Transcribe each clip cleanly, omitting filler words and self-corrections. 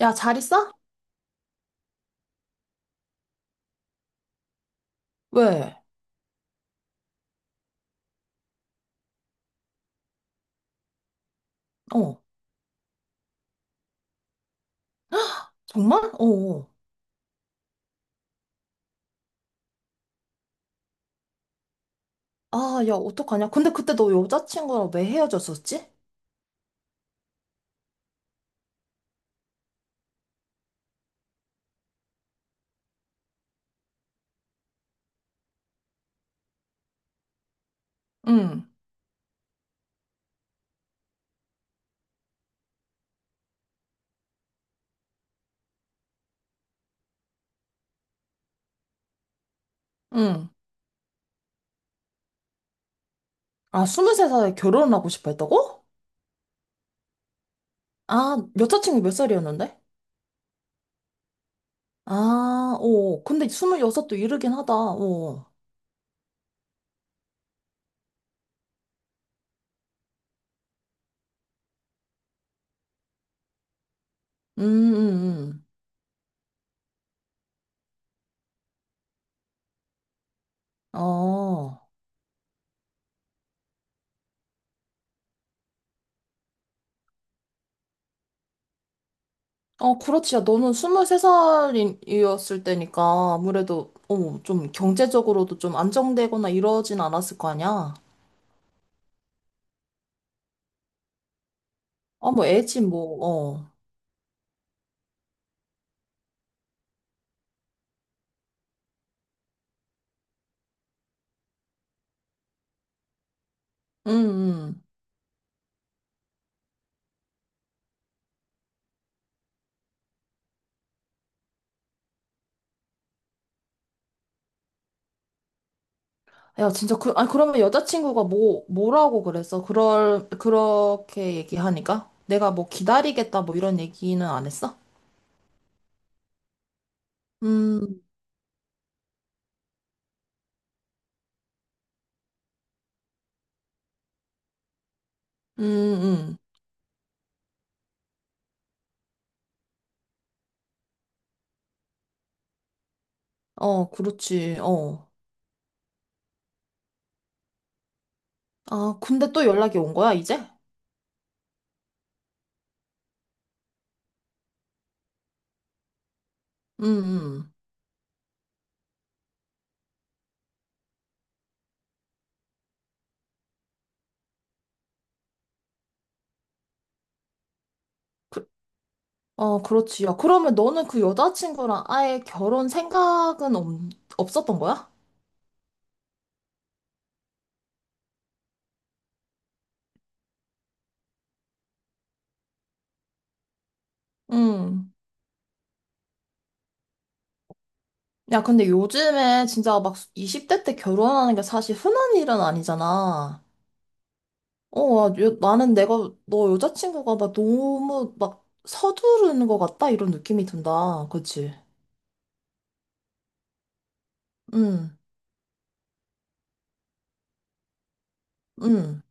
야, 잘 있어? 왜? 어. 정말? 어. 어. 아, 야, 어떡하냐? 근데 그때 너 여자친구랑 왜 헤어졌었지? 응, 응. 아, 23살에 결혼하고 싶어 했다고? 아, 여자친구 몇 살이었는데? 아, 어. 근데 26도 이르긴 하다. 어. 음, 음, 어. 어, 그렇지. 야, 너는 23살이었을 때니까 아무래도, 좀 경제적으로도 좀 안정되거나 이러진 않았을 거 아니야? 아, 뭐, 애지, 뭐, 어. 음, 음. 야, 진짜 아니, 그러면 여자친구가 뭐라고 그랬어? 그렇게 얘기하니까? 내가 뭐 기다리겠다, 뭐 이런 얘기는 안 했어? 음, 음, 음. 어, 그렇지, 어. 아, 근데 또 연락이 온 거야, 이제? 음, 음. 그, 어, 그렇지. 야, 그러면 너는 그 여자친구랑 아예 결혼 생각은 없었던 거야? 음. 야, 근데 요즘에 진짜 막 20대 때 결혼하는 게 사실 흔한 일은 아니잖아. 어, 야, 나는 내가, 너 여자친구가 막 너무 막 서두르는 것 같다? 이런 느낌이 든다. 그치? 응, 응.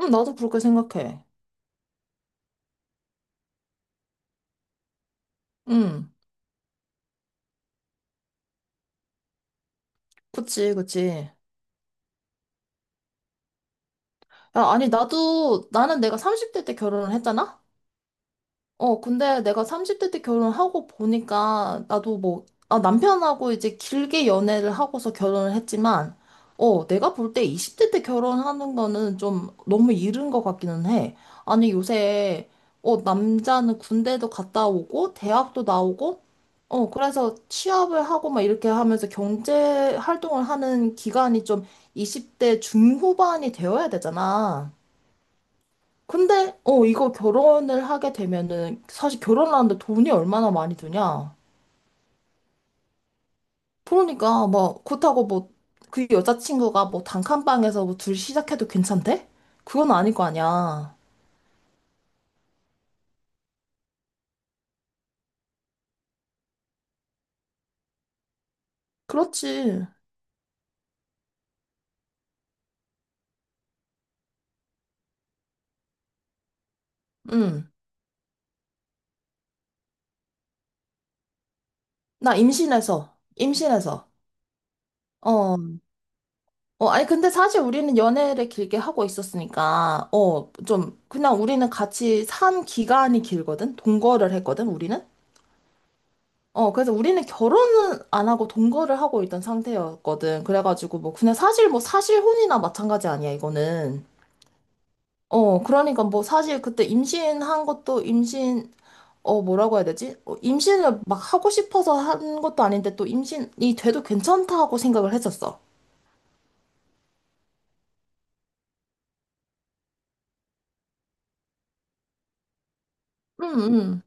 응, 나도 그렇게 생각해. 응, 그치, 그치. 야, 아니, 나도, 나는 내가 30대 때 결혼을 했잖아? 어, 근데 내가 30대 때 결혼하고 보니까 나도 뭐, 아, 남편하고 이제 길게 연애를 하고서 결혼을 했지만, 어, 내가 볼 때 20대 때 결혼하는 거는 좀 너무 이른 것 같기는 해. 아니, 요새, 남자는 군대도 갔다 오고, 대학도 나오고, 어, 그래서 취업을 하고 막 이렇게 하면서 경제 활동을 하는 기간이 좀 20대 중후반이 되어야 되잖아. 근데 이거 결혼을 하게 되면은 사실 결혼하는데 돈이 얼마나 많이 드냐? 그러니까 뭐 그렇다고 뭐 그 여자친구가 뭐 단칸방에서 뭐 둘 시작해도 괜찮대? 그건 아닐 거 아니야. 그렇지. 응. 나 임신해서. 어. 어 아니 근데 사실 우리는 연애를 길게 하고 있었으니까 좀 그냥 우리는 같이 산 기간이 길거든. 동거를 했거든 우리는. 어, 그래서 우리는 결혼은 안 하고 동거를 하고 있던 상태였거든. 그래가지고 뭐, 그냥 사실 뭐 사실혼이나 마찬가지 아니야, 이거는. 어, 그러니까 뭐 사실 그때 임신한 것도 어, 뭐라고 해야 되지? 어, 임신을 막 하고 싶어서 한 것도 아닌데 또 임신이 돼도 괜찮다고 생각을 했었어. 응, 응.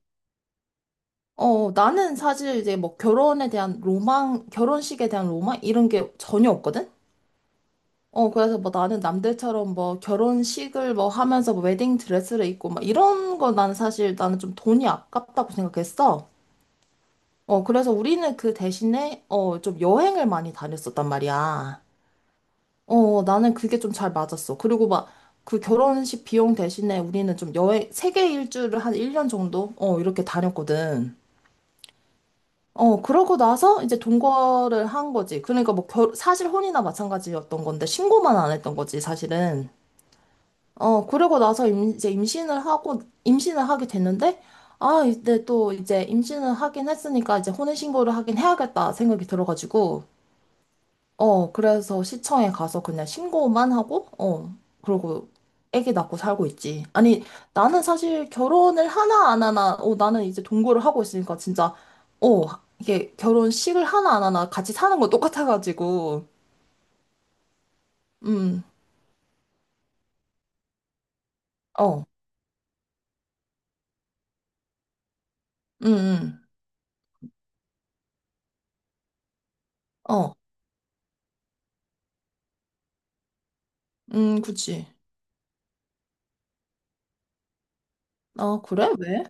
어, 나는 사실 이제 뭐 결혼에 대한 로망, 결혼식에 대한 로망? 이런 게 전혀 없거든? 어, 그래서 뭐 나는 남들처럼 뭐 결혼식을 뭐 하면서 뭐 웨딩 드레스를 입고 막 이런 거 나는 사실 나는 좀 돈이 아깝다고 생각했어. 어, 그래서 우리는 그 대신에 좀 여행을 많이 다녔었단 말이야. 어, 나는 그게 좀 잘 맞았어. 그리고 막 그 결혼식 비용 대신에 우리는 좀 여행, 세계 일주를 한 1년 정도? 어, 이렇게 다녔거든. 어, 그러고 나서 이제 동거를 한 거지. 그러니까 뭐 사실 혼이나 마찬가지였던 건데 신고만 안 했던 거지, 사실은. 어, 그러고 나서 이제 임신을 하고, 임신을 하게 됐는데, 아, 이때 또 이제 임신을 하긴 했으니까 이제 혼인신고를 하긴 해야겠다 생각이 들어가지고, 어, 그래서 시청에 가서 그냥 신고만 하고, 그러고 애기 낳고 살고 있지. 아니, 나는 사실 결혼을 하나 안 하나, 나는 이제 동거를 하고 있으니까 진짜, 어, 이게 결혼식을 하나 안 하나 같이 사는 거 똑같아가지고, 음, 어, 음, 음, 어, 그치. 아, 그래? 왜?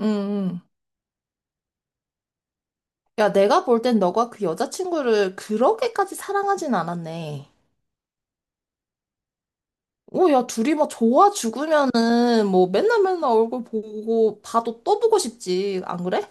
음, 야, 내가 볼 땐 너가 그 여자친구를 그렇게까지 사랑하진 않았네. 오, 야, 둘이 막 좋아 죽으면은 뭐 맨날 맨날 얼굴 보고 봐도 또 보고 싶지, 안 그래?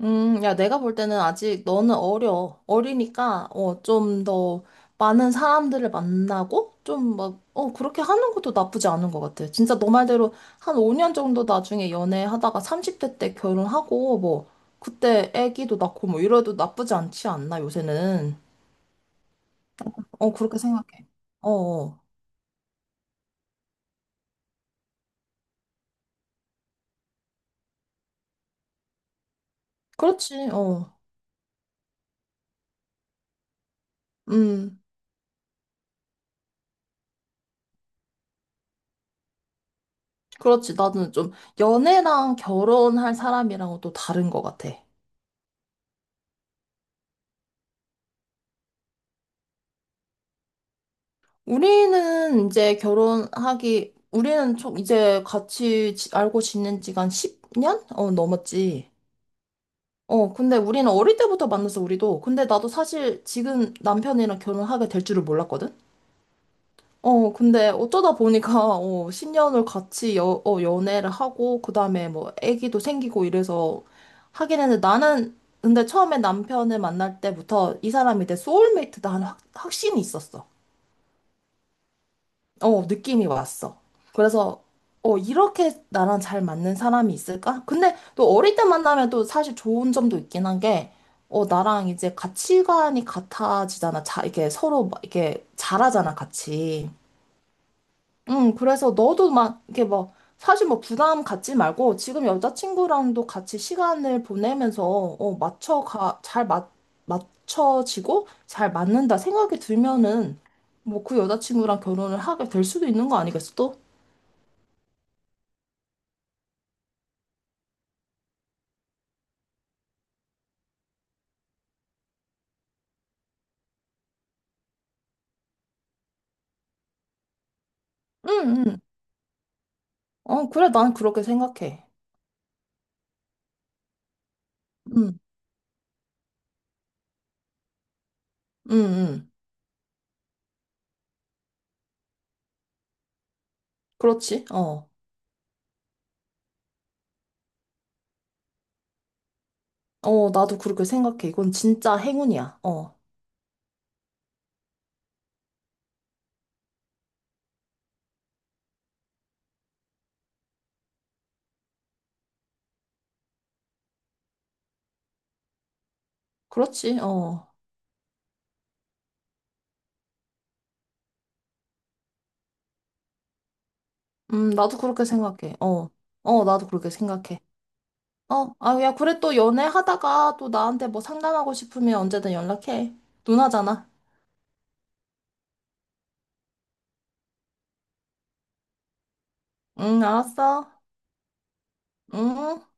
야, 내가 볼 때는 아직 너는 어려. 어리니까, 좀 더 많은 사람들을 만나고, 좀 막, 그렇게 하는 것도 나쁘지 않은 것 같아. 진짜 너 말대로 한 5년 정도 나중에 연애하다가 30대 때 결혼하고, 뭐, 그때 애기도 낳고, 뭐, 이래도 나쁘지 않지 않나, 요새는. 어, 그렇게 생각해. 어, 어. 그렇지, 어. 음, 그렇지. 나는 좀 연애랑 결혼할 사람이랑은 또 다른 것 같아. 우리는 좀 이제 같이 알고 지낸 지가 한 10년? 어, 넘었지. 어, 근데 우리는 어릴 때부터 만났어 우리도. 근데 나도 사실 지금 남편이랑 결혼하게 될 줄을 몰랐거든? 어, 근데 어쩌다 보니까, 10년을 같이 연애를 하고, 그 다음에 뭐, 애기도 생기고 이래서 하긴 했는데 나는, 근데 처음에 남편을 만날 때부터 이 사람이 내 소울메이트다 하는 확, 확신이 있었어. 어, 느낌이 왔어. 그래서, 이렇게 나랑 잘 맞는 사람이 있을까? 근데 또 어릴 때 만나면 또 사실 좋은 점도 있긴 한 게, 어, 나랑 이제 가치관이 같아지잖아. 자, 이게 서로 막 이렇게 잘하잖아, 같이. 응, 그래서 너도 막, 이렇게 막, 사실 뭐 부담 갖지 말고, 지금 여자친구랑도 같이 시간을 보내면서, 맞춰지고, 잘 맞는다 생각이 들면은, 뭐 그 여자친구랑 결혼을 하게 될 수도 있는 거 아니겠어, 또? 응, 응. 어, 그래, 난 그렇게 생각해. 응, 응, 응. 그렇지, 어. 어, 나도 그렇게 생각해. 이건 진짜 행운이야. 어. 그렇지, 어. 나도 그렇게 생각해. 어. 어, 나도 그렇게 생각해. 어, 아, 야, 그래 또 연애하다가 또 나한테 뭐 상담하고 싶으면 언제든 연락해. 누나잖아. 응, 알았어. 응.